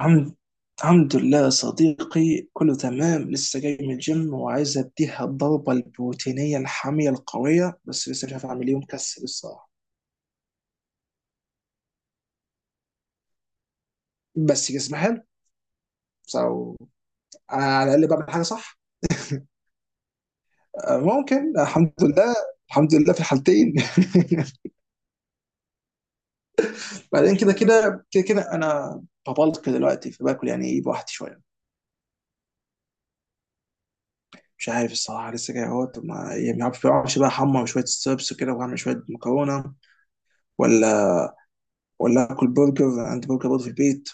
الحمد الحمد لله يا صديقي، كله تمام. لسه جاي من الجيم وعايز اديها الضربة البروتينية الحامية القوية، بس لسه مش عارف اعمل ايه ومكسل الصراحة. بس جسمي حلو. so انا على الاقل بعمل حاجة صح. ممكن، الحمد لله. الحمد لله في الحالتين. بعدين كده انا ببلك دلوقتي فباكل، يعني ايه، بوحدي شوية. مش عارف الصراحة، لسه جاي اهوت. ما يعني ما اعرفش ما أعرفش بقى، احمر شوية ستربس وكده واعمل شوية مكرونة، ولا ولا اكل برجر، عندي برجر برضه في البيت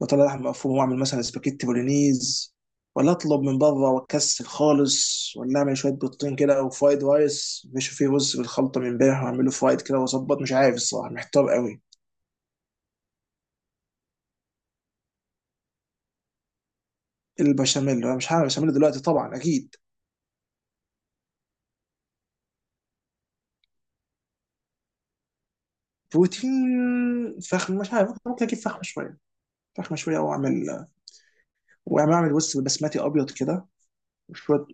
واطلع لحم مفروم واعمل مثلا سباكيتي بولينيز، ولا اطلب من بره واكسل خالص، ولا اعمل شويه بيضتين كده، او فرايد رايس، مش فيه رز بالخلطه من امبارح واعمله فرايد كده واظبط. مش عارف الصراحه، محتار قوي. البشاميل، انا مش عارف، البشاميل دلوقتي طبعا اكيد. بروتين فخم، مش عارف، ممكن اجيب فخمه شويه، فخمه شويه واعمل، اعمل وز بسمتي ابيض كده وشويه.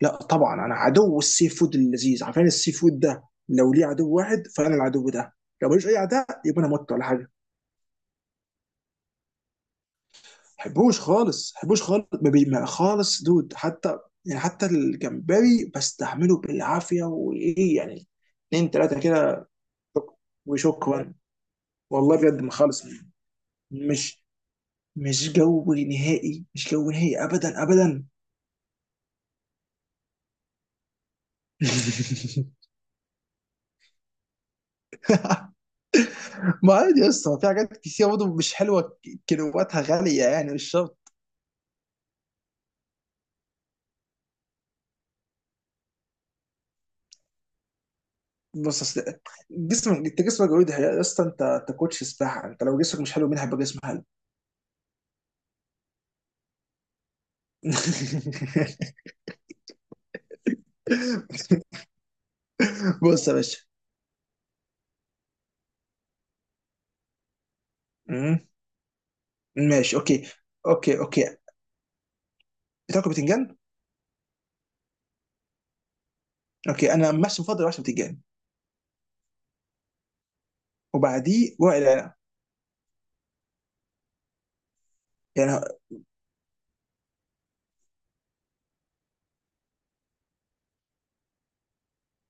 لا طبعا، انا عدو السي فود اللذيذ، عارفين السي فود ده؟ لو ليه عدو واحد فانا العدو ده. لو ملوش اي عداء يبقى انا مت ولا حاجه. حبوش خالص، حبوش خالص ما بي- ما- خالص، دود حتى يعني. حتى الجمبري بستحمله بالعافيه، وايه يعني، اتنين تلاته كده، وشكرا. والله بجد ما خالص. مش مش جو نهائي، مش جو نهائي ابدا ابدا. ما عادي يا اسطى، في حاجات كتير برضه مش حلوه كيلواتها غاليه، يعني مش شرط. بص اصل، جسمك انت، جسمك جوي يا اسطى. انت كوتش سباحه، انت لو جسمك مش حلو مين هيبقى جسمك حلو؟ بص يا باشا. مم. ماشي، اوكي. اوكي، اوكي. بتاكل بتنجان. اوكي، انا مش مفضل عشان بتنجان. وبعديه ورق العنب يعني.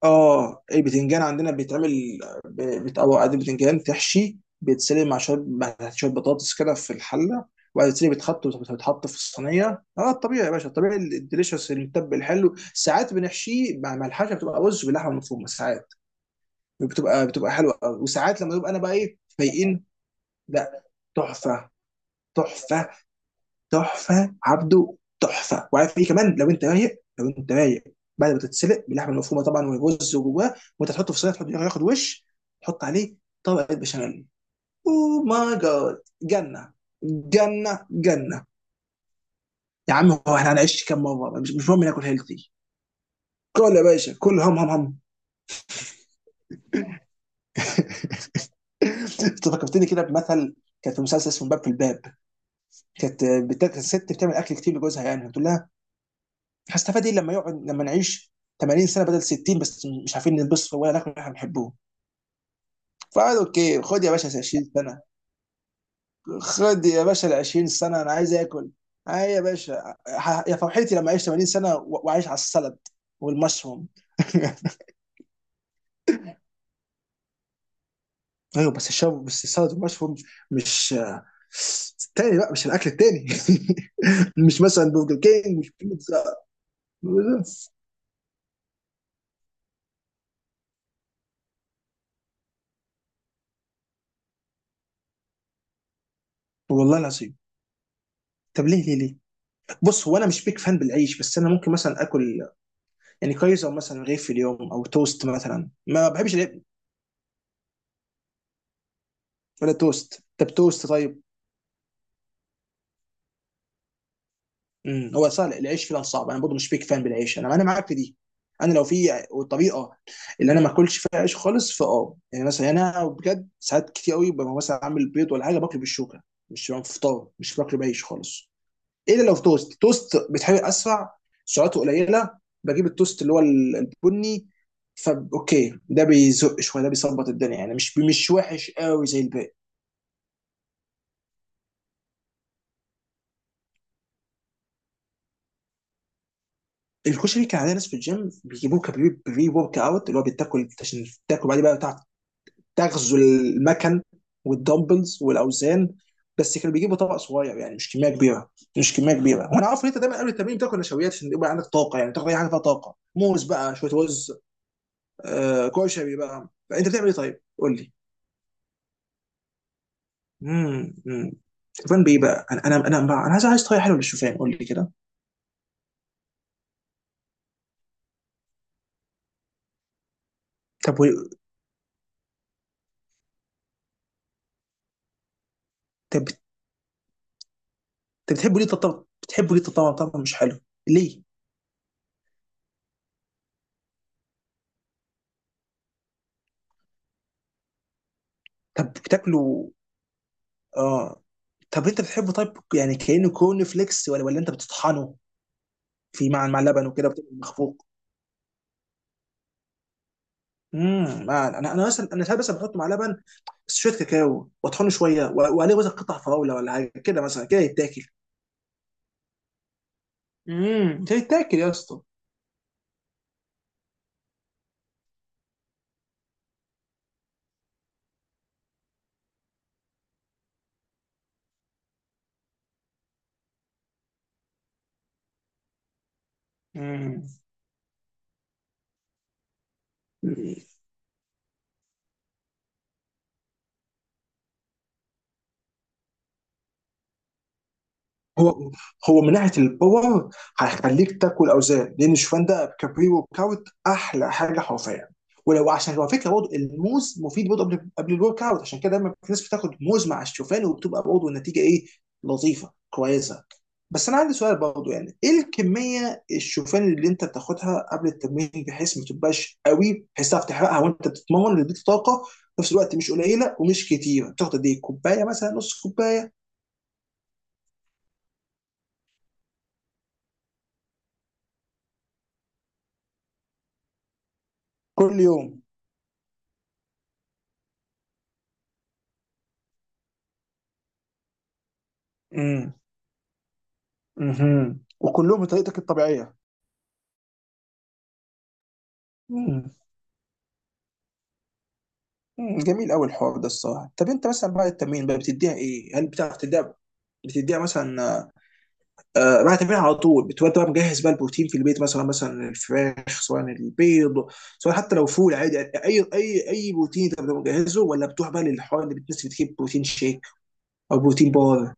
اه البتنجان عندنا بيتعمل، بيتقوى عادي، بتنجان تحشي، بيتسلق مع شويه، مع شويه بطاطس كده في الحله، وبعد كده بيتحط في الصينيه. اه الطبيعي يا باشا، الطبيعي الديليشس المتبل الحلو. ساعات بنحشيه مع الحشه، بتبقى رز باللحمه المفرومه. ساعات بتبقى حلوه قوي، وساعات لما ببقى انا بقى ايه فايقين. لا، تحفه، تحفه، تحفه. عبده، تحفه. وعارف ايه كمان؟ لو انت رايق، لو انت رايق، بعد ما تتسلق باللحمه المفرومه طبعا، والرز جواه، وانت تحطه في صينيه، تحط ياخد وش، تحط عليه طبقه بشاميل. اوه ماي جاد، جنه، جنه، جنه. يا عم، هو احنا هنعيش كام مره؟ مش مهم ناكل هيلثي. كل يا باشا كل، هم هم هم. انت فكرتني كده بمثل. كانت في مسلسل اسمه باب في الباب. كانت بتاعت الست بتعمل اكل كتير لجوزها، يعني بتقول لها: هستفاد ايه لما يقعد، لما نعيش 80 سنه بدل 60 بس مش عارفين نلبس ولا ناكل اللي احنا بنحبوه؟ فقال: اوكي، خد يا باشا 20 سنه. خد يا باشا ال 20 سنه، انا عايز اكل. اي يا باشا، يا فرحتي لما اعيش 80 سنه واعيش على السلد والمشروم. ايوه بس الشاب بس السلد والمشروم، مش آه، التاني بقى مش الاكل التاني. مش مثلا برجر كينج، مش بيتزا. والله العظيم. طب ليه، ليه، ليه؟ بص، هو انا مش بيك فان بالعيش، بس انا ممكن مثلا اكل يعني كويس، او مثلا رغيف في اليوم، او توست مثلا. ما بحبش العيش ولا توست. طب توست طيب. هو صار العيش فعلا صعب. انا برضه مش بيك فان بالعيش، انا معاك في دي. انا لو في طريقه اللي انا ما اكلش فيها عيش خالص، فاه يعني مثلا انا بجد ساعات كتير قوي ببقى مثلا عامل بيض ولا حاجه، باكله بالشوكه، مش في فطار، مش باكله بعيش خالص. إيه الا لو في توست، توست بيتحرق اسرع، سعراته قليله. بجيب التوست اللي هو البني. فا اوكي، ده بيزق شويه، ده بيظبط الدنيا، يعني مش وحش قوي زي الباقي. الكشري كان عندنا ناس في الجيم بيجيبوه، كبري بري ورك اوت، اللي هو بيتاكل عشان تاكل بعدين بقى بتاع، تغزو المكن والدمبلز والاوزان. بس كانوا بيجيبوا طبق صغير يعني، مش كميه كبيره، مش كميه كبيره. وانا عارف ان انت دايما قبل التمرين بتاكل نشويات عشان يبقى عندك طاقه، يعني تاخد اي حاجه فيها طاقه، موز بقى، شويه رز، آه كشري. بقى انت بتعمل ايه طيب؟ قول لي. امم امم شوفان بايه بقى؟ انا عايز، عايز طريقه حلوه للشوفان، قول لي كده. طب و-. طب طب- بتحبوا ليه؟ بتحبوا ليه طب طبعا طبعا مش حلو. ليه؟ طب بتاكله، اه. طب انت بتحبه طيب، يعني كانه كورن فليكس، ولا ولا انت بتطحنه في مع لبن وكده، بتبقى مخفوق. انا ساعات بس بحط مع لبن شويه كاكاو واطحنه شويه، وعليه مثلا قطع فراوله ولا حاجه كده، مثلا كده يتاكل. كده يتاكل يا اسطى. امم هو هو من ناحيه الباور، هيخليك تاكل اوزان، لان شوفان ده كابريو كاوت، احلى حاجه حرفيا. ولو عشان على فكره برضه الموز مفيد برضه قبل الورك اوت، عشان كده دايما في ناس بتاخد موز مع الشوفان، وبتبقى برضه النتيجه ايه، لطيفه كويسه. بس انا عندي سؤال برضه، يعني ايه الكميه الشوفان اللي انت بتاخدها قبل التمرين، بحيث ما تبقاش قوي بحيث تعرف تحرقها وانت بتتمرن، اللي يديك طاقه في نفس الوقت، مش قليله ومش كتيره؟ بتاخد قد ايه؟ كوبايه؟ مثلا نص كوبايه؟ كل يوم مهم، وكلهم بطريقتك الطبيعيه. مم. جميل قوي الحوار ده الصراحه. طب انت مثلا بعد التمرين بقى بتديها ايه؟ هل بتعرف تديها؟ بتديها مثلا آه؟ بعد التمرين على طول بتبقى بقى مجهز بقى البروتين في البيت، مثلا مثلا الفراخ، سواء البيض، سواء حتى لو فول عادي، اي اي اي بروتين انت بتبقى مجهزه، ولا بتروح بقى للحوار اللي بتنسي، بتجيب بروتين شيك او بروتين بار.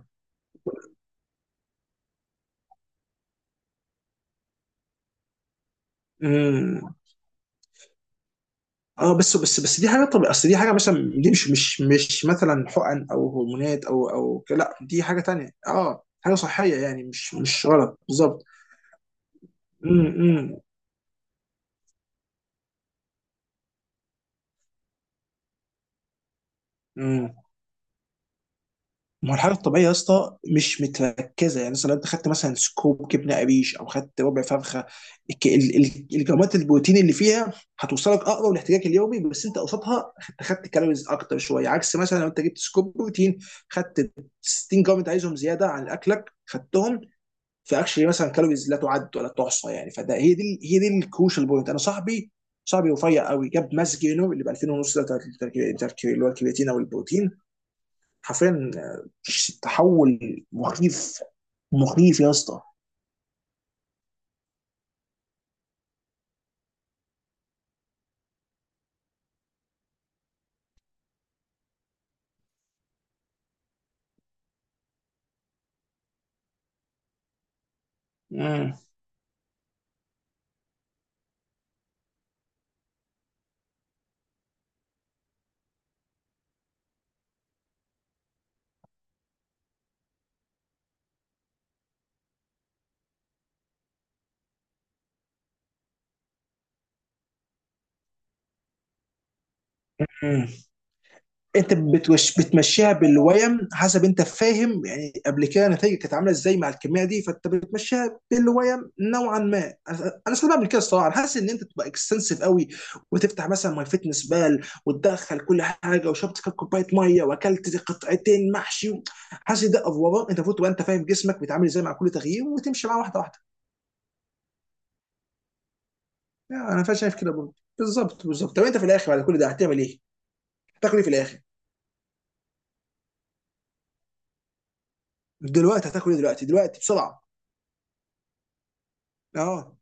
مم. اه بس دي حاجه طبيعيه، اصل دي حاجه مثلا دي مش مثلا حقن او هرمونات، لا دي حاجه تانية، اه حاجه صحيه يعني، مش مش غلط بالظبط. امم امم إمم. ما هو الحاجه الطبيعيه يا اسطى مش متركزه. يعني مثلا لو انت خدت مثلا سكوب جبنه قريش، او خدت ربع فرخه، الجرامات البروتين اللي فيها هتوصلك اقرب لاحتياجك اليومي، بس انت قصادها خدت كالوريز اكتر شويه. عكس مثلا لو انت جبت سكوب بروتين، خدت 60 جرام انت عايزهم زياده عن اكلك، خدتهم فاكشلي مثلا كالوريز لا تعد ولا تحصى يعني. فده، هي دي الكروشال بوينت. انا صاحبي، صاحبي رفيع قوي، جاب ماس جينو اللي ب 2000 ونص ده، اللي هو الكرياتين او البروتين. حرفيا تحول مخيف، مخيف يا اسطى. مم. مم. انت بتوش بتمشيها بالويم حسب، انت فاهم، يعني قبل كده نتائجك كانت عامله ازاي مع الكميه دي، فانت بتمشيها بالويم نوعا ما. انا ساعات بعمل كده الصراحه. انا حاسس ان انت تبقى اكستنسيف قوي، وتفتح مثلا ماي فيتنس بال وتدخل كل حاجه، وشربت كام كوبايه ميه، واكلت قطعتين محشي. حاسس ده افوره. انت المفروض تبقى انت فاهم جسمك بيتعامل ازاي مع كل تغيير، وتمشي معاه واحده واحده يعني. انا فعلا شايف كده برضه، بالظبط بالظبط. طب انت في الاخر بعد كل ده هتعمل ايه؟ هتاكل ايه في الاخر؟ دلوقتي هتاكل ايه دلوقتي؟ دلوقتي بسرعه. اه.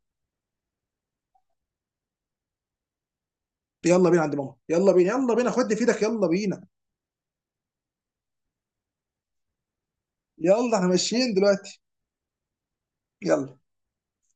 يلا بينا عند ماما، يلا بينا، يلا بينا، خد في ايدك، يلا بينا. يلا احنا ماشيين دلوقتي. يلا.